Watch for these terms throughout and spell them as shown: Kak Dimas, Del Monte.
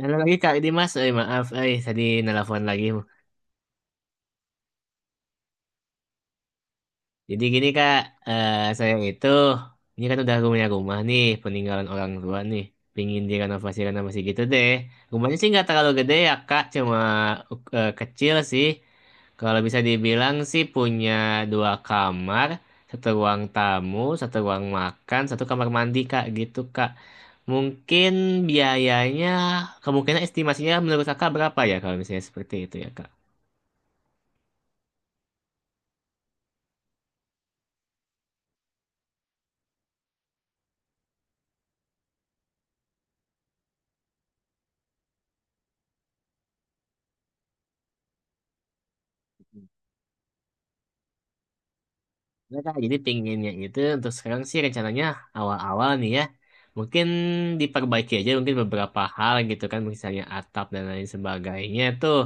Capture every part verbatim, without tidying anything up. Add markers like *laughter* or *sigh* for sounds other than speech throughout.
Halo lagi Kak Dimas, eh maaf, eh tadi nelpon lagi. Jadi gini Kak, eh saya itu ini kan udah punya rumah nih, peninggalan orang tua nih, pingin direnovasi renovasi gitu deh. Rumahnya sih nggak terlalu gede ya Kak, cuma eh, kecil sih. Kalau bisa dibilang sih punya dua kamar, satu ruang tamu, satu ruang makan, satu kamar mandi Kak, gitu Kak. Mungkin biayanya kemungkinan estimasinya menurut Kakak berapa ya kalau misalnya seperti itu ya Kak? Ya, Kak, jadi pinginnya itu untuk sekarang sih rencananya awal-awal nih ya. Mungkin diperbaiki aja mungkin beberapa hal gitu kan. Misalnya atap dan lain sebagainya tuh.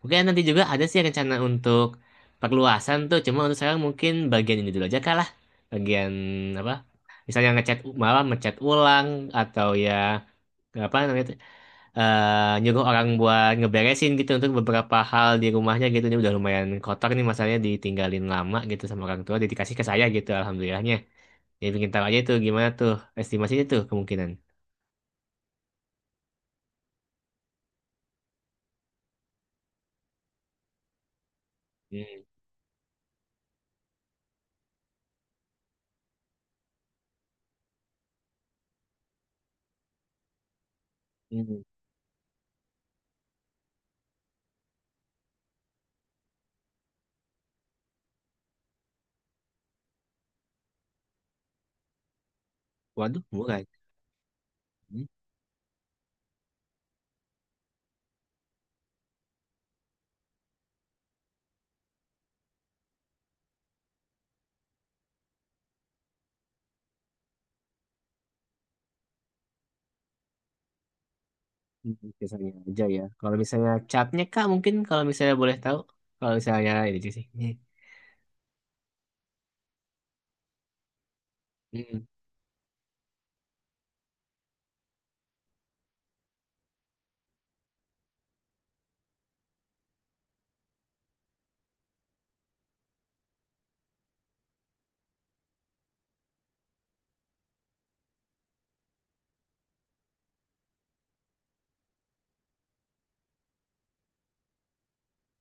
Mungkin nanti juga ada sih rencana untuk perluasan tuh. Cuma untuk sekarang mungkin bagian ini dulu aja kalah. Bagian apa? Misalnya ngecat malah ngecat ulang atau ya apa namanya tuh, eh nyuruh orang buat ngeberesin gitu untuk beberapa hal di rumahnya gitu ini udah lumayan kotor nih masalahnya ditinggalin lama gitu sama orang tua jadi dikasih ke saya gitu alhamdulillahnya jadi bikin tahu aja itu gimana tuh estimasinya tuh kemungkinan. Hmm, hmm. Waduh, murah. Hmm, hmm, Biasanya aja ya. Kalau misalnya capnya Kak, mungkin kalau misalnya boleh tahu. Kalau misalnya ini sih. Hmm. Hmm,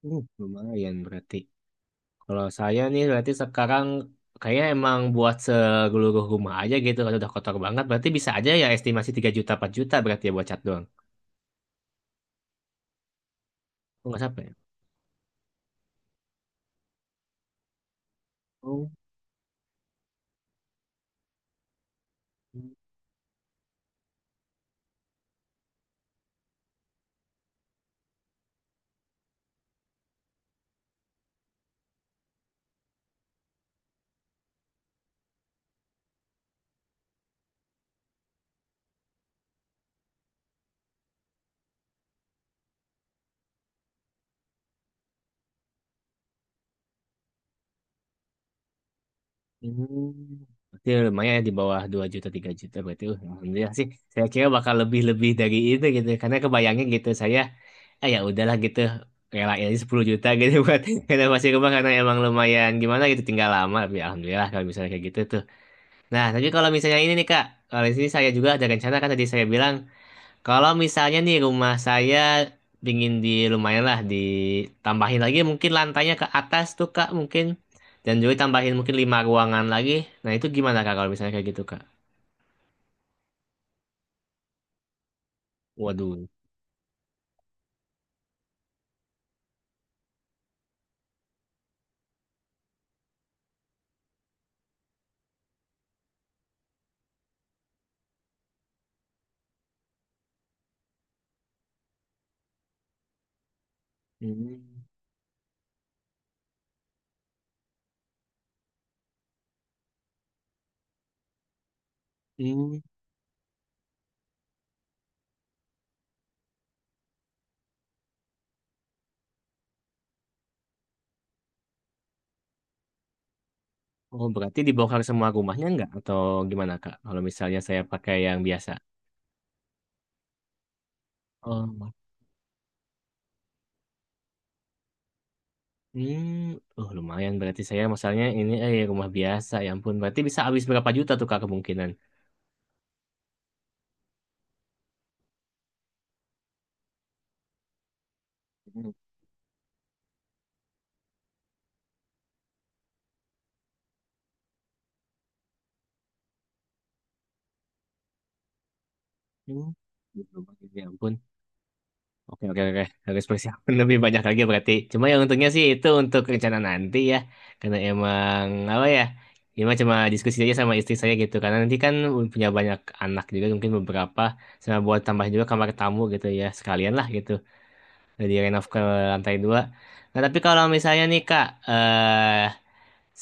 hmm, lumayan berarti. Kalau saya nih berarti sekarang kayaknya emang buat seluruh rumah aja gitu. Kalau udah kotor banget berarti bisa aja ya estimasi tiga juta empat juta berarti ya buat cat doang. Oh, nggak sampai ya? Oh. Hmm. Berarti lumayan ya di bawah dua juta tiga juta berarti uh, alhamdulillah sih. Saya kira bakal lebih-lebih dari itu gitu. Karena kebayangnya gitu saya ah ya udahlah gitu relain aja sepuluh juta gitu *laughs* buat renovasi rumah karena emang lumayan gimana gitu tinggal lama tapi alhamdulillah kalau misalnya kayak gitu tuh. Nah, tapi kalau misalnya ini nih Kak, kalau di sini saya juga ada rencana kan tadi saya bilang, kalau misalnya nih rumah saya pingin di lumayan lah ditambahin lagi mungkin lantainya ke atas tuh Kak mungkin dan juga tambahin mungkin lima ruangan lagi. Nah, itu gimana Kak kalau misalnya kayak gitu Kak? Waduh. Hmm. Hmm. Oh, berarti dibongkar semua rumahnya enggak atau gimana Kak? Kalau misalnya saya pakai yang biasa. Oh, hmm, oh lumayan berarti saya misalnya ini eh rumah biasa, ya ampun berarti bisa habis berapa juta tuh Kak kemungkinan? Mungkin gitu Bang. Ya ampun. Oke, oke, oke. Harus persiapan *laughs* lebih banyak lagi berarti. Cuma yang untungnya sih itu untuk rencana nanti ya. Karena emang, apa ya, ya emang cuma diskusi aja sama istri saya gitu. Karena nanti kan punya banyak anak juga, mungkin beberapa. Sama buat tambah juga kamar tamu gitu ya. Sekalian lah gitu. Dari renov ke lantai dua. Nah, tapi kalau misalnya nih, Kak, eh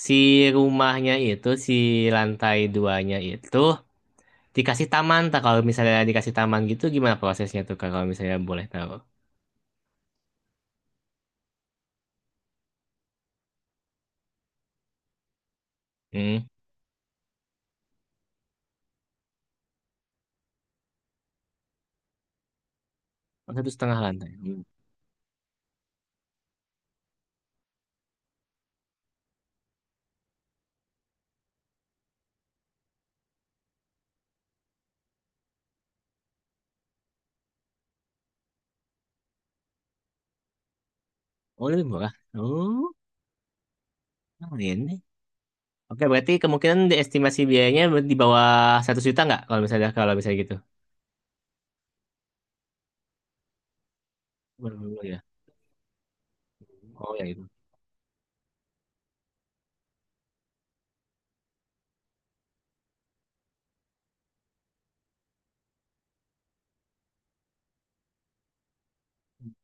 si rumahnya itu, si lantai duanya itu, dikasih taman, tak kalau misalnya dikasih taman gitu gimana prosesnya tuh Kak, kalau misalnya boleh tahu? Hmm. Oh, satu setengah lantai. Hmm. Oh, lebih murah. Oh, lumayan nih. Oke, berarti kemungkinan di estimasi biayanya di bawah satu juta nggak kalau misalnya kalau misalnya gitu? Oh, ya. Oh, ya itu.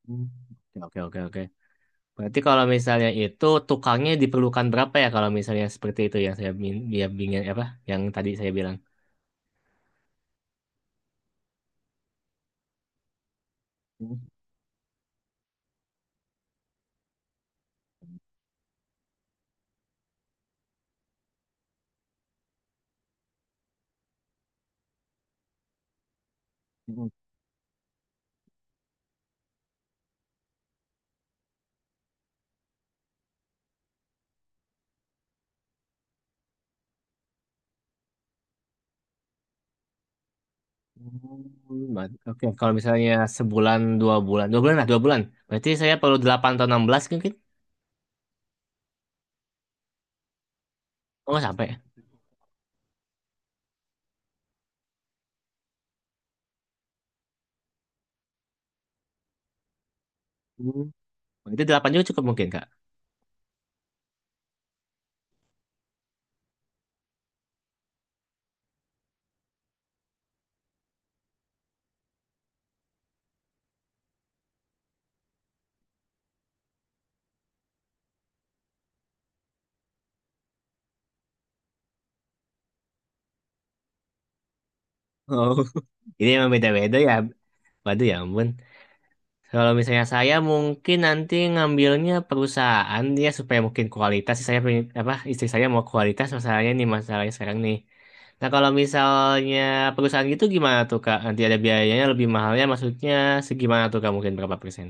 Hmm. Oke, oke, oke. Berarti kalau misalnya itu tukangnya diperlukan berapa ya kalau misalnya seperti itu yang saya bin- biar bingung apa yang tadi saya bilang? Hmm, ber- Oke, kalau misalnya sebulan, dua bulan, dua bulan lah, dua bulan. Berarti saya perlu delapan atau enam belas mungkin. Oh, nggak sampai ya? Hmm. Berarti delapan juga cukup mungkin, Kak. Oh. *laughs* Ini emang beda-beda ya. Waduh ya ampun. Kalau misalnya saya mungkin nanti ngambilnya perusahaan dia supaya mungkin kualitas. Saya pengen, apa, istri saya mau kualitas masalahnya nih, masalahnya sekarang nih. Nah, kalau misalnya perusahaan gitu gimana tuh, Kak? Nanti ada biayanya lebih mahalnya, maksudnya segimana tuh, Kak? Mungkin berapa persen?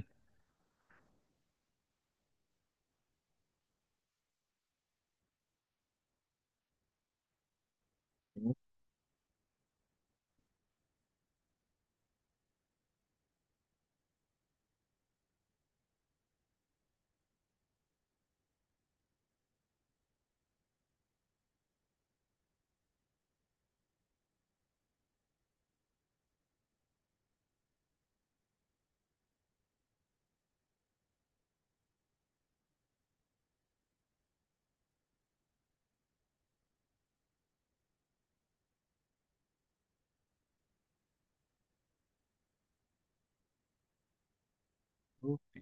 Oke,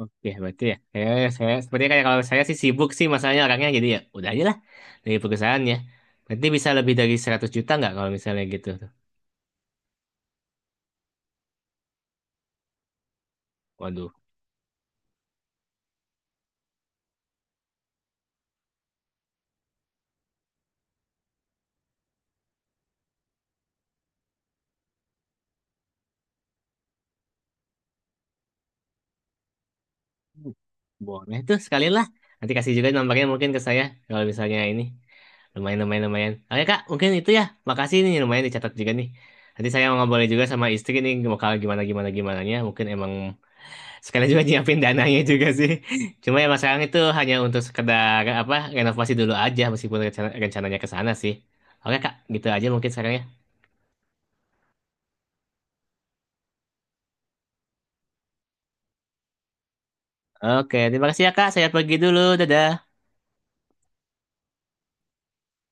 oke, berarti ya. Saya, saya sepertinya kayak kalau saya sih sibuk sih masalahnya orangnya jadi ya udah aja lah dari perusahaannya. Berarti bisa lebih dari seratus juta nggak kalau misalnya gitu? Waduh, boleh tuh sekali lah. Nanti kasih juga nomornya mungkin ke saya kalau misalnya ini lumayan lumayan lumayan. Oke Kak, mungkin itu ya. Makasih nih lumayan dicatat juga nih. Nanti saya mau ngobrol juga sama istri nih bakal gimana gimana gimana. Mungkin emang sekalian juga nyiapin dananya juga sih. *laughs* Cuma ya sekarang itu hanya untuk sekedar apa renovasi dulu aja meskipun rencana- rencananya ke sana sih. Oke Kak, gitu aja mungkin sekarang ya. Oke, terima kasih ya Kak. Saya pergi dulu. Dadah.